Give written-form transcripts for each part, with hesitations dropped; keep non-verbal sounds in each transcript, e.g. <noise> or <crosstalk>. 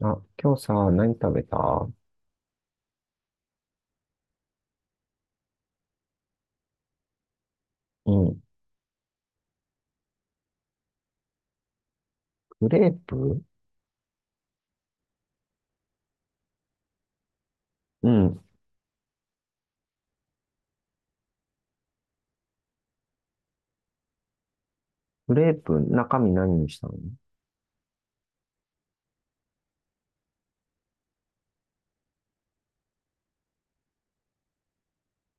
あ、今日さ、何食べた？うん。クレープ？うん。クレープ、中身何にしたの？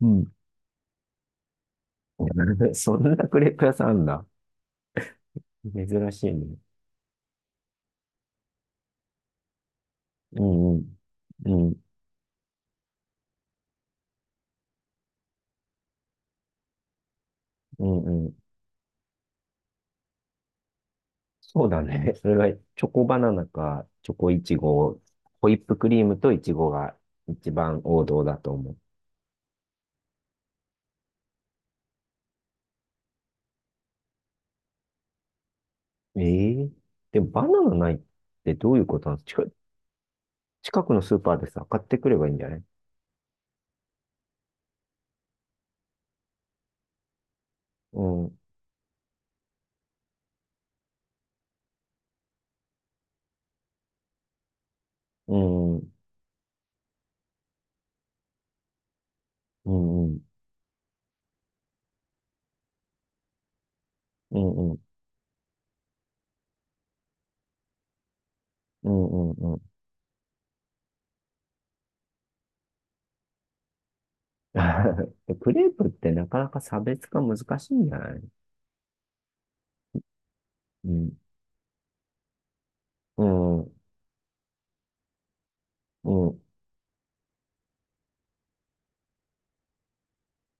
うん。<laughs> そんなクレープ屋さんあんだ。珍しいね。うんうん。うん。うんうん。そうだね。それがチョコバナナか、チョコイチゴ、ホイップクリームとイチゴが一番王道だと思う。ええ。でもバナナないってどういうことなの？近くのスーパーでさ、買ってくればいいんじゃない？うん。うん。うんうん。うんうん。うんうんうん。<laughs> でクレープってなかなか差別化難しいんじゃない？うん。うん。うん。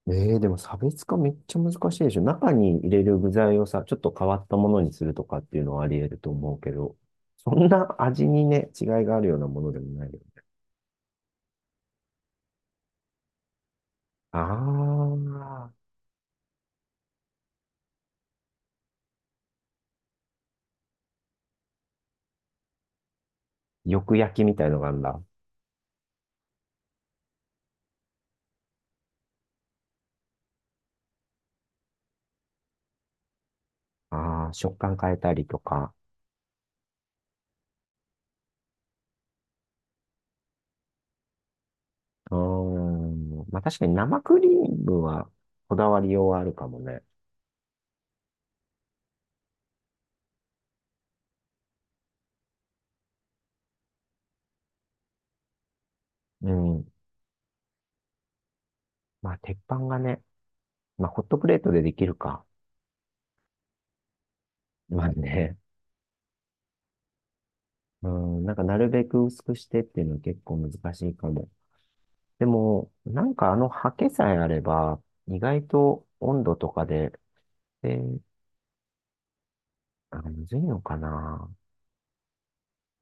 でも差別化めっちゃ難しいでしょ。中に入れる具材をさ、ちょっと変わったものにするとかっていうのはあり得ると思うけど、そんな味にね、違いがあるようなものでもないよ。ああ、よ焼きみたいのがあるんだ。ああ、食感変えたりとか。うーん。まあ確かに生クリームはこだわりようはあるかもね。うん。まあ鉄板がね、まあ、ホットプレートでできるか。<laughs> まあね。うん、なんかなるべく薄くしてっていうのは結構難しいかも。でも、なんかあの刷毛さえあれば、意外と温度とかで、で、あ、むずいのかな。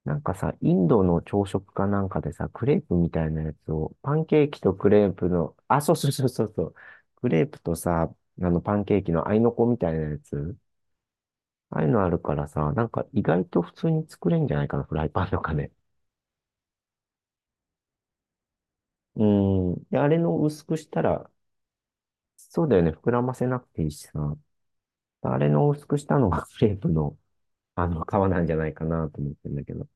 なんかさ、インドの朝食かなんかでさ、クレープみたいなやつを、パンケーキとクレープの、あ、そうそうそうそうそう、クレープとさ、あのパンケーキの合いの子みたいなやつ、ああいうのあるからさ、なんか意外と普通に作れんじゃないかな、フライパンとかね。うん。で、あれの薄くしたら、そうだよね、膨らませなくていいしさ。あれの薄くしたのが <laughs> クレープの、あの、皮なんじゃないかなと思ってんだけど。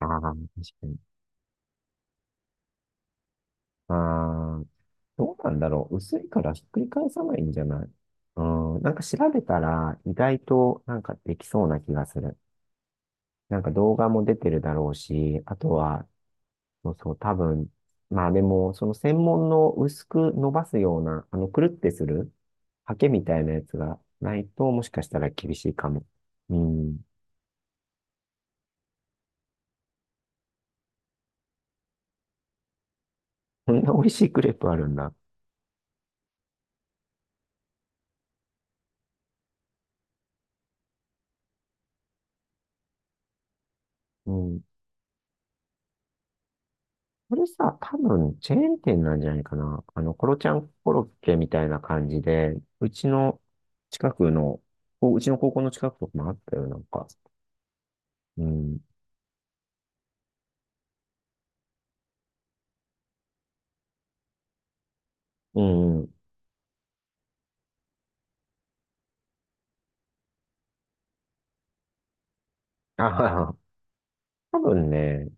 ああ、確かに。ああ、どうなんだろう。薄いからひっくり返さないんじゃない？うん、なんか調べたら、意外となんかできそうな気がする。なんか動画も出てるだろうし、あとは、そうそう、多分、まあでも、その専門の薄く伸ばすような、あの、くるってするハケみたいなやつがないと、もしかしたら厳しいかも。うん。こんな美味しいクレープあるんだ。うん。これさ、多分、チェーン店なんじゃないかな。あの、コロちゃんコロッケみたいな感じで、うちの近くの、こううちの高校の近くとかもあったよ、なんか。うん。うん。ああ、多分ね、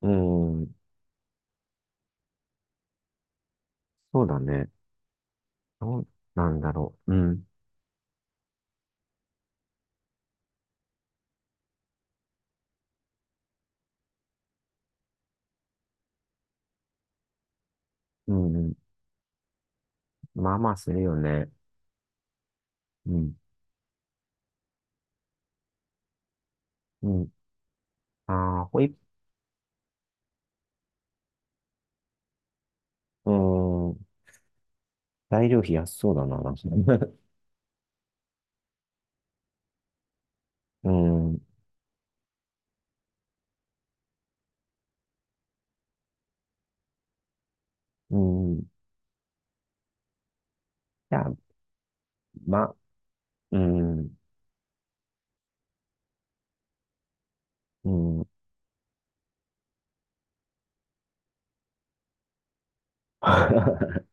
うん。そうだね。どうなんだろう。うん。うん。まあまあするよね。うん。うん。ああ、ホイップ、うん。材料費安そうだな、なんか <laughs> うん、うん。じゃあ、ま、うん、うん。<laughs>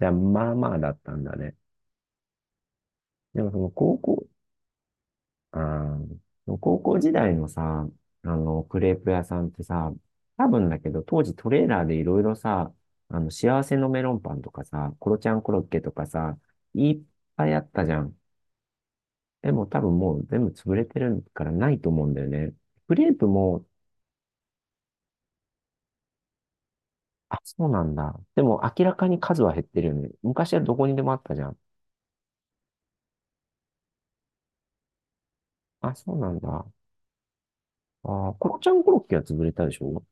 じゃあ、まあまあだったんだね。でもその高校、あーその高校時代のさ、あの、クレープ屋さんってさ、多分だけど、当時トレーラーでいろいろさ、あの、幸せのメロンパンとかさ、コロちゃんコロッケとかさ、いっぱいあったじゃん。でも多分もう全部潰れてるからないと思うんだよね。クレープも。あ、そうなんだ。でも明らかに数は減ってるよね。昔はどこにでもあったじゃん。あ、そうなんだ。あー、コロちゃんコロッケは潰れたでしょ？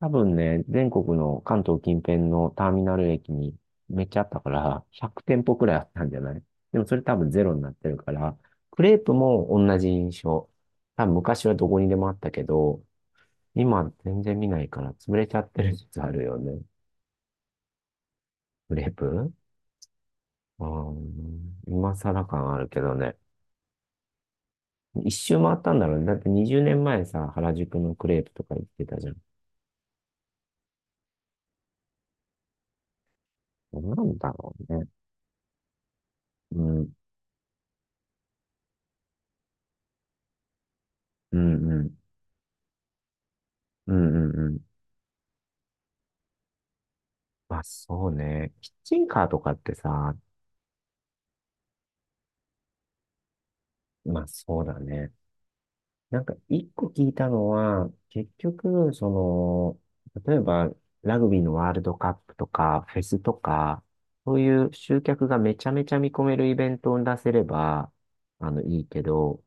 多分ね、全国の関東近辺のターミナル駅にめっちゃあったから、100店舗くらいあったんじゃない？でもそれ多分ゼロになってるから、クレープも同じ印象。多分昔はどこにでもあったけど、今全然見ないから潰れちゃってる説あるよね。クレープ？うん、今更感あるけどね。一周回ったんだろうね。だって20年前さ、原宿のクレープとか行ってたじゃん。なんだろうね。うん、うん、うん、うん、うんうん。まあそうね。キッチンカーとかってさ、まあそうだね。なんか一個聞いたのは、結局、その、例えばラグビーのワールドカップとか、フェスとか、そういう集客がめちゃめちゃ見込めるイベントを出せれば、あの、いいけど、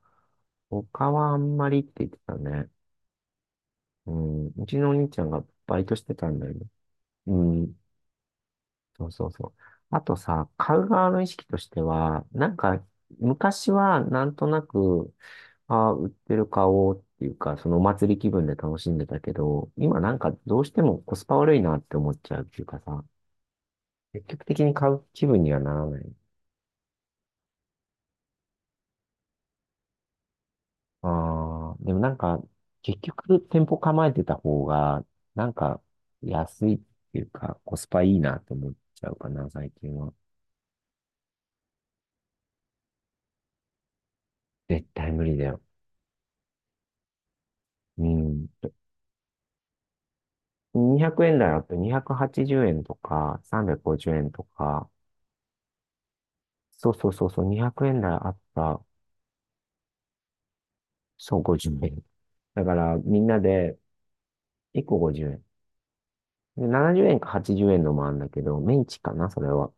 他はあんまりって言ってたね。うん、うちのお兄ちゃんがバイトしてたんだよね。うん、そうそうそう。あとさ、買う側の意識としては、なんか、昔はなんとなく、ああ、売ってる買おうっていうか、そのお祭り気分で楽しんでたけど、今なんかどうしてもコスパ悪いなって思っちゃうっていうかさ、積極的に買う気分にはならない。ああ、でもなんか、結局店舗構えてた方が、なんか安いっていうか、コスパいいなって思っちゃうかな、最近は。絶対無理だよ。うん。200円台あって280円とか350円とか、そうそうそうそう、200円台あった、そう50円。だからみんなで1個50円。で、70円か80円のもあるんだけど、メンチかな、それは。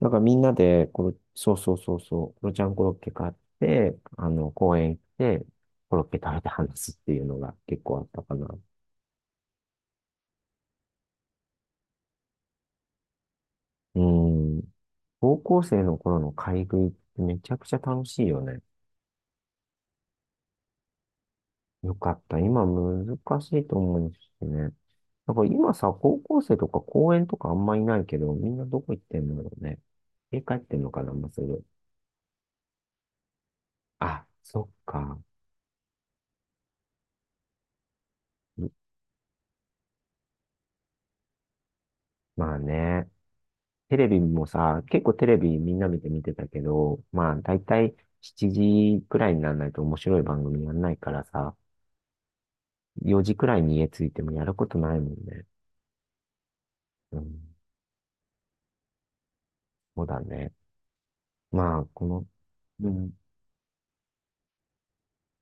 だからみんなで、これ、そうそうそうそう、ロちゃんコロッケ買って、あの、公園行って、コロッケ食べて話すっていうのが結構あったかな。うん。高校生の頃の買い食いってめちゃくちゃ楽しいよね。よかった。今難しいと思うんですよね。なんか今さ、高校生とか公園とかあんまいないけど、みんなどこ行ってんだろうね。家帰ってんのかな、もうすぐ。あ、そっか。ん。まあね。テレビもさ、結構テレビみんな見てたけど、まあだいたい7時くらいにならないと面白い番組やんないからさ、4時くらいに家着いてもやることないもんね。うん、そうだね。まあ、この、うん。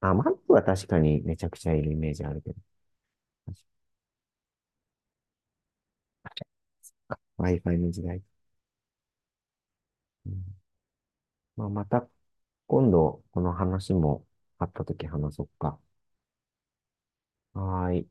あ、マップは確かにめちゃくちゃいるイメージあるけど。Wi-Fi の時代。うん。まあ、また、今度、この話もあったとき話そっか。はーい。